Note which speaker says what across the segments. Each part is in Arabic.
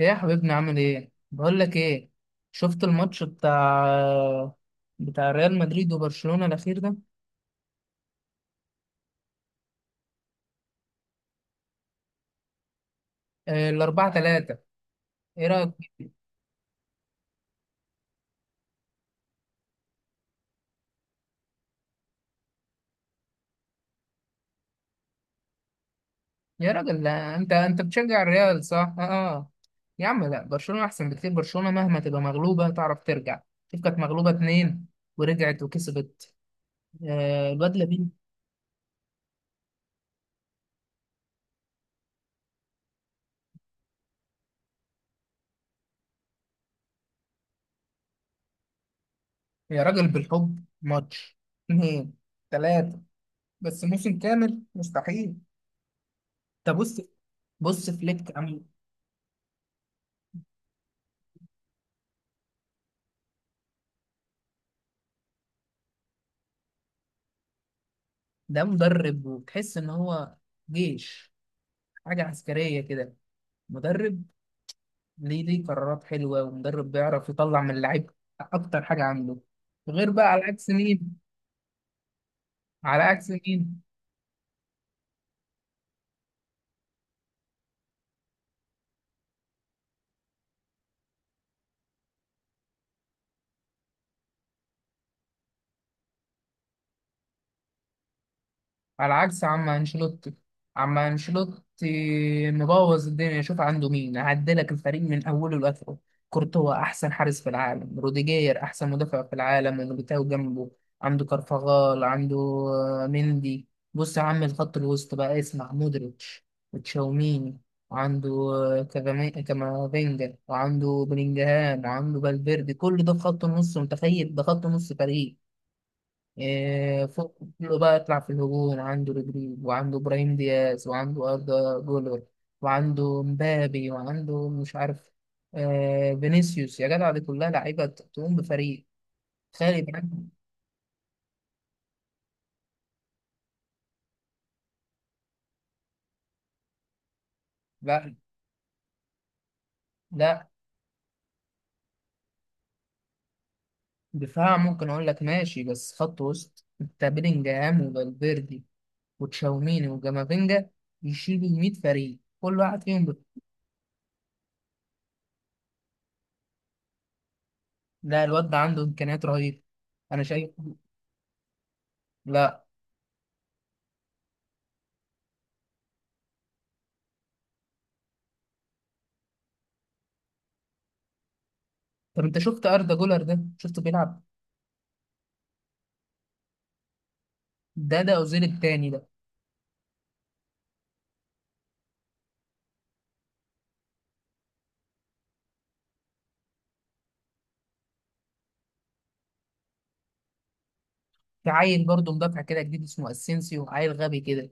Speaker 1: ايه يا حبيبنا، عامل ايه؟ بقول لك ايه، شفت الماتش بتاع ريال مدريد وبرشلونة الاخير ده؟ آه، الـ4-3. ايه رأيك؟ يا راجل لا، انت بتشجع الريال صح؟ اه آه. يا عم لا، برشلونة احسن بكتير. برشلونة مهما تبقى مغلوبة تعرف ترجع. شوف، كانت مغلوبة اتنين ورجعت وكسبت. آه، الواد لامين. يا راجل، بالحب ماتش اتنين تلاتة، بس موسم كامل مستحيل. طب بص، بص فليك ده مدرب، وتحس ان هو جيش، حاجه عسكريه كده. مدرب، ليه قرارات حلوه، ومدرب بيعرف يطلع من اللعيب اكتر حاجه عنده، غير بقى على عكس مين. على عكس مين؟ على عكس عم انشيلوتي. عم انشيلوتي مبوظ الدنيا. شوف عنده مين، هعدلك الفريق من اوله لاخره. كورتوا احسن حارس في العالم، روديجير احسن مدافع في العالم وميليتاو جنبه. عنده كارفاغال، عنده مندي. بص يا عم الخط الوسط بقى، اسمع، مودريتش وتشاوميني، وعنده كامافينجا، وعنده بلينجهام، وعنده فالفيردي. كل ده في خط النص. متخيل ده خط نص فريق؟ فوق كله بقى يطلع في الهجوم، عنده رودريجو، وعنده إبراهيم دياز، وعنده أردا جولر، وعنده مبابي، وعنده مش عارف فينيسيوس. يا جدع، دي كلها لعيبة تقوم بفريق خالي عنهم. لا، لا دفاع ممكن أقول لك ماشي، بس خط وسط أنت بيلينجهام وفالفيردي وتشاوميني وجامافينجا، يشيلوا 100 فريق، كل واحد فيهم لا، الواد ده عنده إمكانيات رهيبة، أنا شايف. لا. طب أنت شفت أردا جولر ده؟ شفته بيلعب؟ ده اوزيل التاني ده. في عيل برضه مدافع كده جديد اسمه اسينسيو، عيل غبي كده.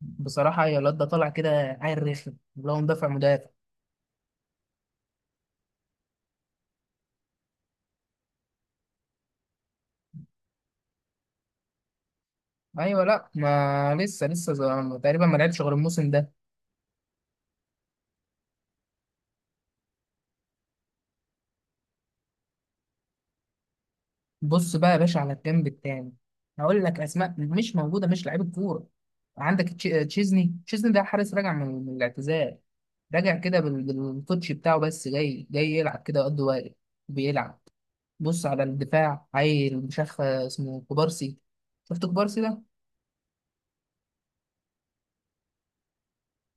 Speaker 1: بصراحه يا، الواد ده طالع كده عيل رخم، اللي هو مدافع مدافع. ايوه، لا، ما لسه. تقريبا ما لعبش غير الموسم ده. بص بقى يا باشا على الجنب التاني، هقول لك اسماء مش موجوده مش لعيب كوره. عندك تشيزني ده حارس، راجع من الاعتزال، راجع كده بالكوتش بتاعه، بس جاي جاي يلعب كده قد واجب، بيلعب. بص على الدفاع، عيل مش عارف اسمه كوبارسي. شفت كوبارسي ده؟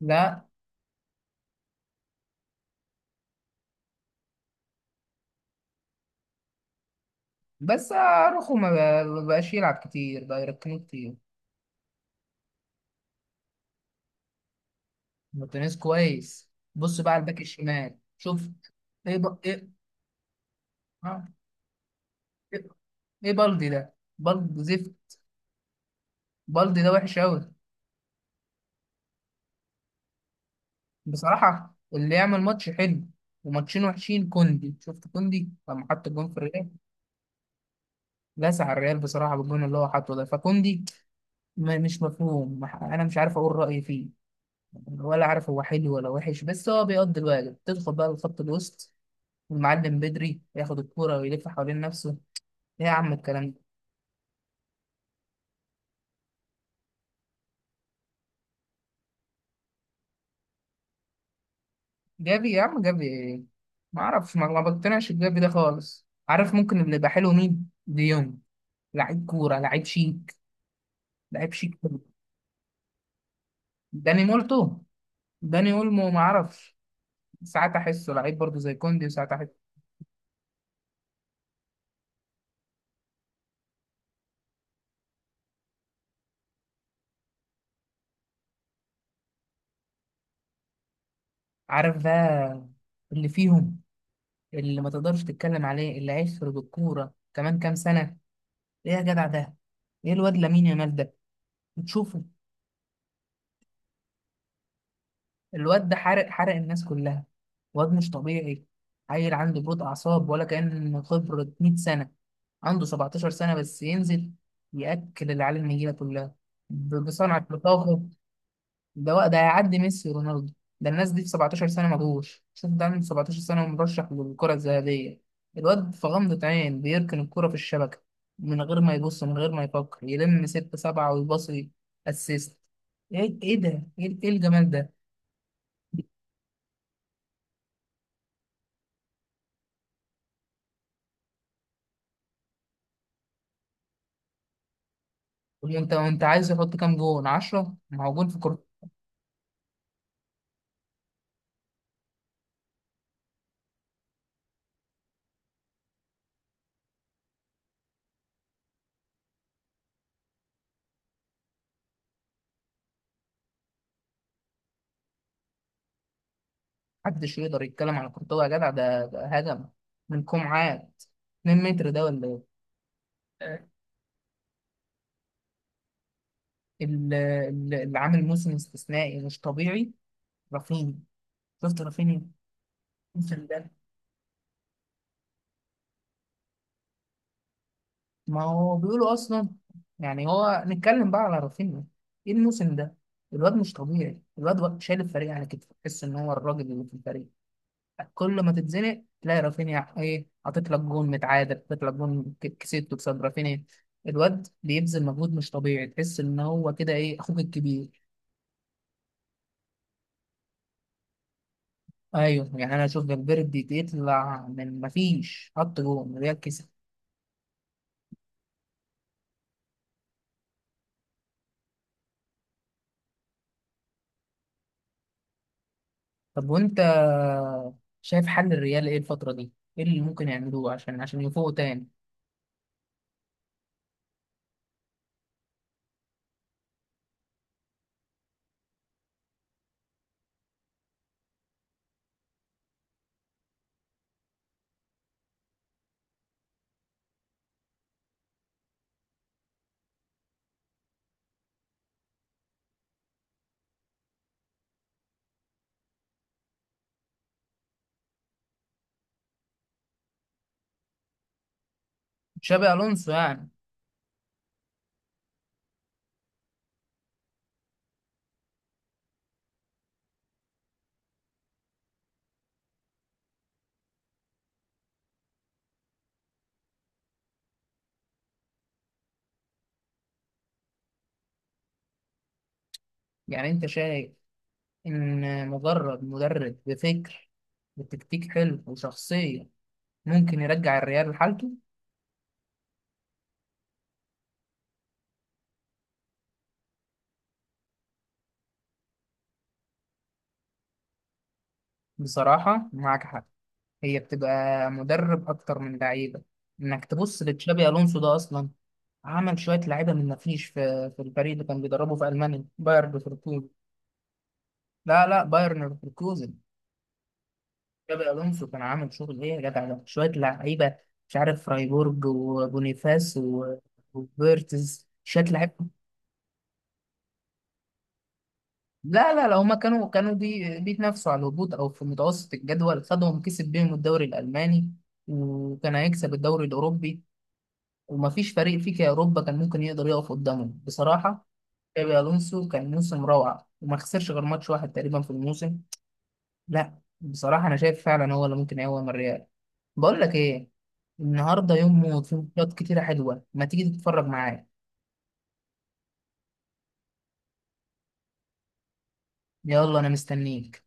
Speaker 1: لا. بس اروخو ما بقاش يلعب كتير، بقى يركنه كتير. مارتينيز كويس. بص بقى على الباك الشمال، شوف. ايه آه، ايه، إيه بالدي ده؟ بالدي زفت. بالدي ده وحش قوي. بصراحة اللي يعمل ماتش حلو وماتشين وحشين، كوندي. شفت كوندي لما حط الجون في الريال؟ لسع الريال بصراحة بالجون اللي هو حاطه ده. فكوندي مش مفهوم، انا مش عارف اقول رأيي فيه، ولا عارف هو حلو ولا وحش. بس هو بيقضي الواجب، تدخل بقى لخط الوسط، المعلم بدري ياخد الكورة ويلف حوالين نفسه. ايه يا عم الكلام ده؟ جافي يا عم، جافي ايه؟ ما اعرفش، ما بقتنعش بجافي ده خالص. عارف ممكن اللي يبقى حلو مين؟ ديونج. لعيب كورة، لعيب شيك، لعيب شيك أوي. داني مولتو، داني اولمو، ما اعرفش. ساعات احسه لعيب برضه زي كوندي، وساعات احسه. عارف بقى اللي فيهم، اللي ما تقدرش تتكلم عليه، اللي هيخرج الكورة كمان كام سنة؟ ايه يا جدع ده، ايه الواد لامين يامال ده؟ بتشوفه؟ الواد ده حرق، حرق الناس كلها. واد مش طبيعي. عيل عنده بروت اعصاب، ولا كان خبرة 100 سنة. عنده 17 سنة بس، ينزل ياكل العيال النجيلة كلها بصنعة لطافة. ده هيعدي ميسي ورونالدو. ده الناس دي في 17 سنة ما جوش. شوف ده عنده 17 سنة ومرشح للكرة الذهبية. الواد في غمضة عين بيركن الكرة في الشبكة، من غير ما يبص، من غير ما يفكر، يلم ستة سبعة ويباصي اسيست. ايه ايه ده، ايه، إيه الجمال ده؟ وانت عايز يحط كام جون؟ 10؟ ما هو جون في كورة. محدش يقدر يتكلم على كورتوا يا جدع. ده، ده هجم من كومعات 2 متر ده ولا ايه؟ آه، اللي عامل موسم استثنائي مش طبيعي، رافينيا. شفت رافينيا الموسم ده؟ ما هو بيقولوا اصلا. يعني هو نتكلم بقى على رافينيا، ايه الموسم ده؟ الواد مش طبيعي. الواد شايل الفريق على كتفه، تحس ان هو الراجل اللي في الفريق. كل ما تتزنق تلاقي رافينيا، ايه، حاطط لك جون متعادل، حاطط لك جون كسبته بسبب رافينيا. الواد بيبذل مجهود مش طبيعي، تحس ان هو كده، ايه، اخوك الكبير. ايوه، يعني انا اشوف فالفيردي يطلع من مفيش، حط جون ريال. طب وانت شايف حل الريال ايه الفترة دي؟ ايه اللي ممكن يعملوه عشان يفوقوا تاني؟ تشابي الونسو يعني. يعني انت شايف ان مجرد مدرب بفكر بتكتيك حلو وشخصية، ممكن يرجع الريال لحالته؟ بصراحة معاك حق. هي بتبقى مدرب اكتر من لعيبة. انك تبص لتشابي الونسو ده اصلا، عمل شوية لعيبة من مفيش في الفريق اللي كان بيدربه في المانيا، بايرن ليفركوزن. لا، لا، بايرن ليفركوزن. جابي الونسو كان عامل شغل ايه يا جدع ده؟ شويه لعيبه مش عارف، فرايبورج وبونيفاس وفيرتز، شويه لعيبه. لا، لا، لا، هما كانوا بيتنافسوا على الهبوط او في متوسط الجدول. خدهم، كسب بيهم الدوري الالماني، وكان هيكسب الدوري الاوروبي. ومفيش فريق فيك يا اوروبا كان ممكن يقدر يقف قدامه بصراحه. جابي الونسو كان موسم روعه، وما خسرش غير ماتش واحد تقريبا في الموسم. لا بصراحة أنا شايف فعلا هو اللي ممكن يقوم الريال. بقول لك إيه، النهاردة يوم موت، في ماتشات كتيرة حلوة، ما تيجي تتفرج معايا؟ يلا أنا مستنيك.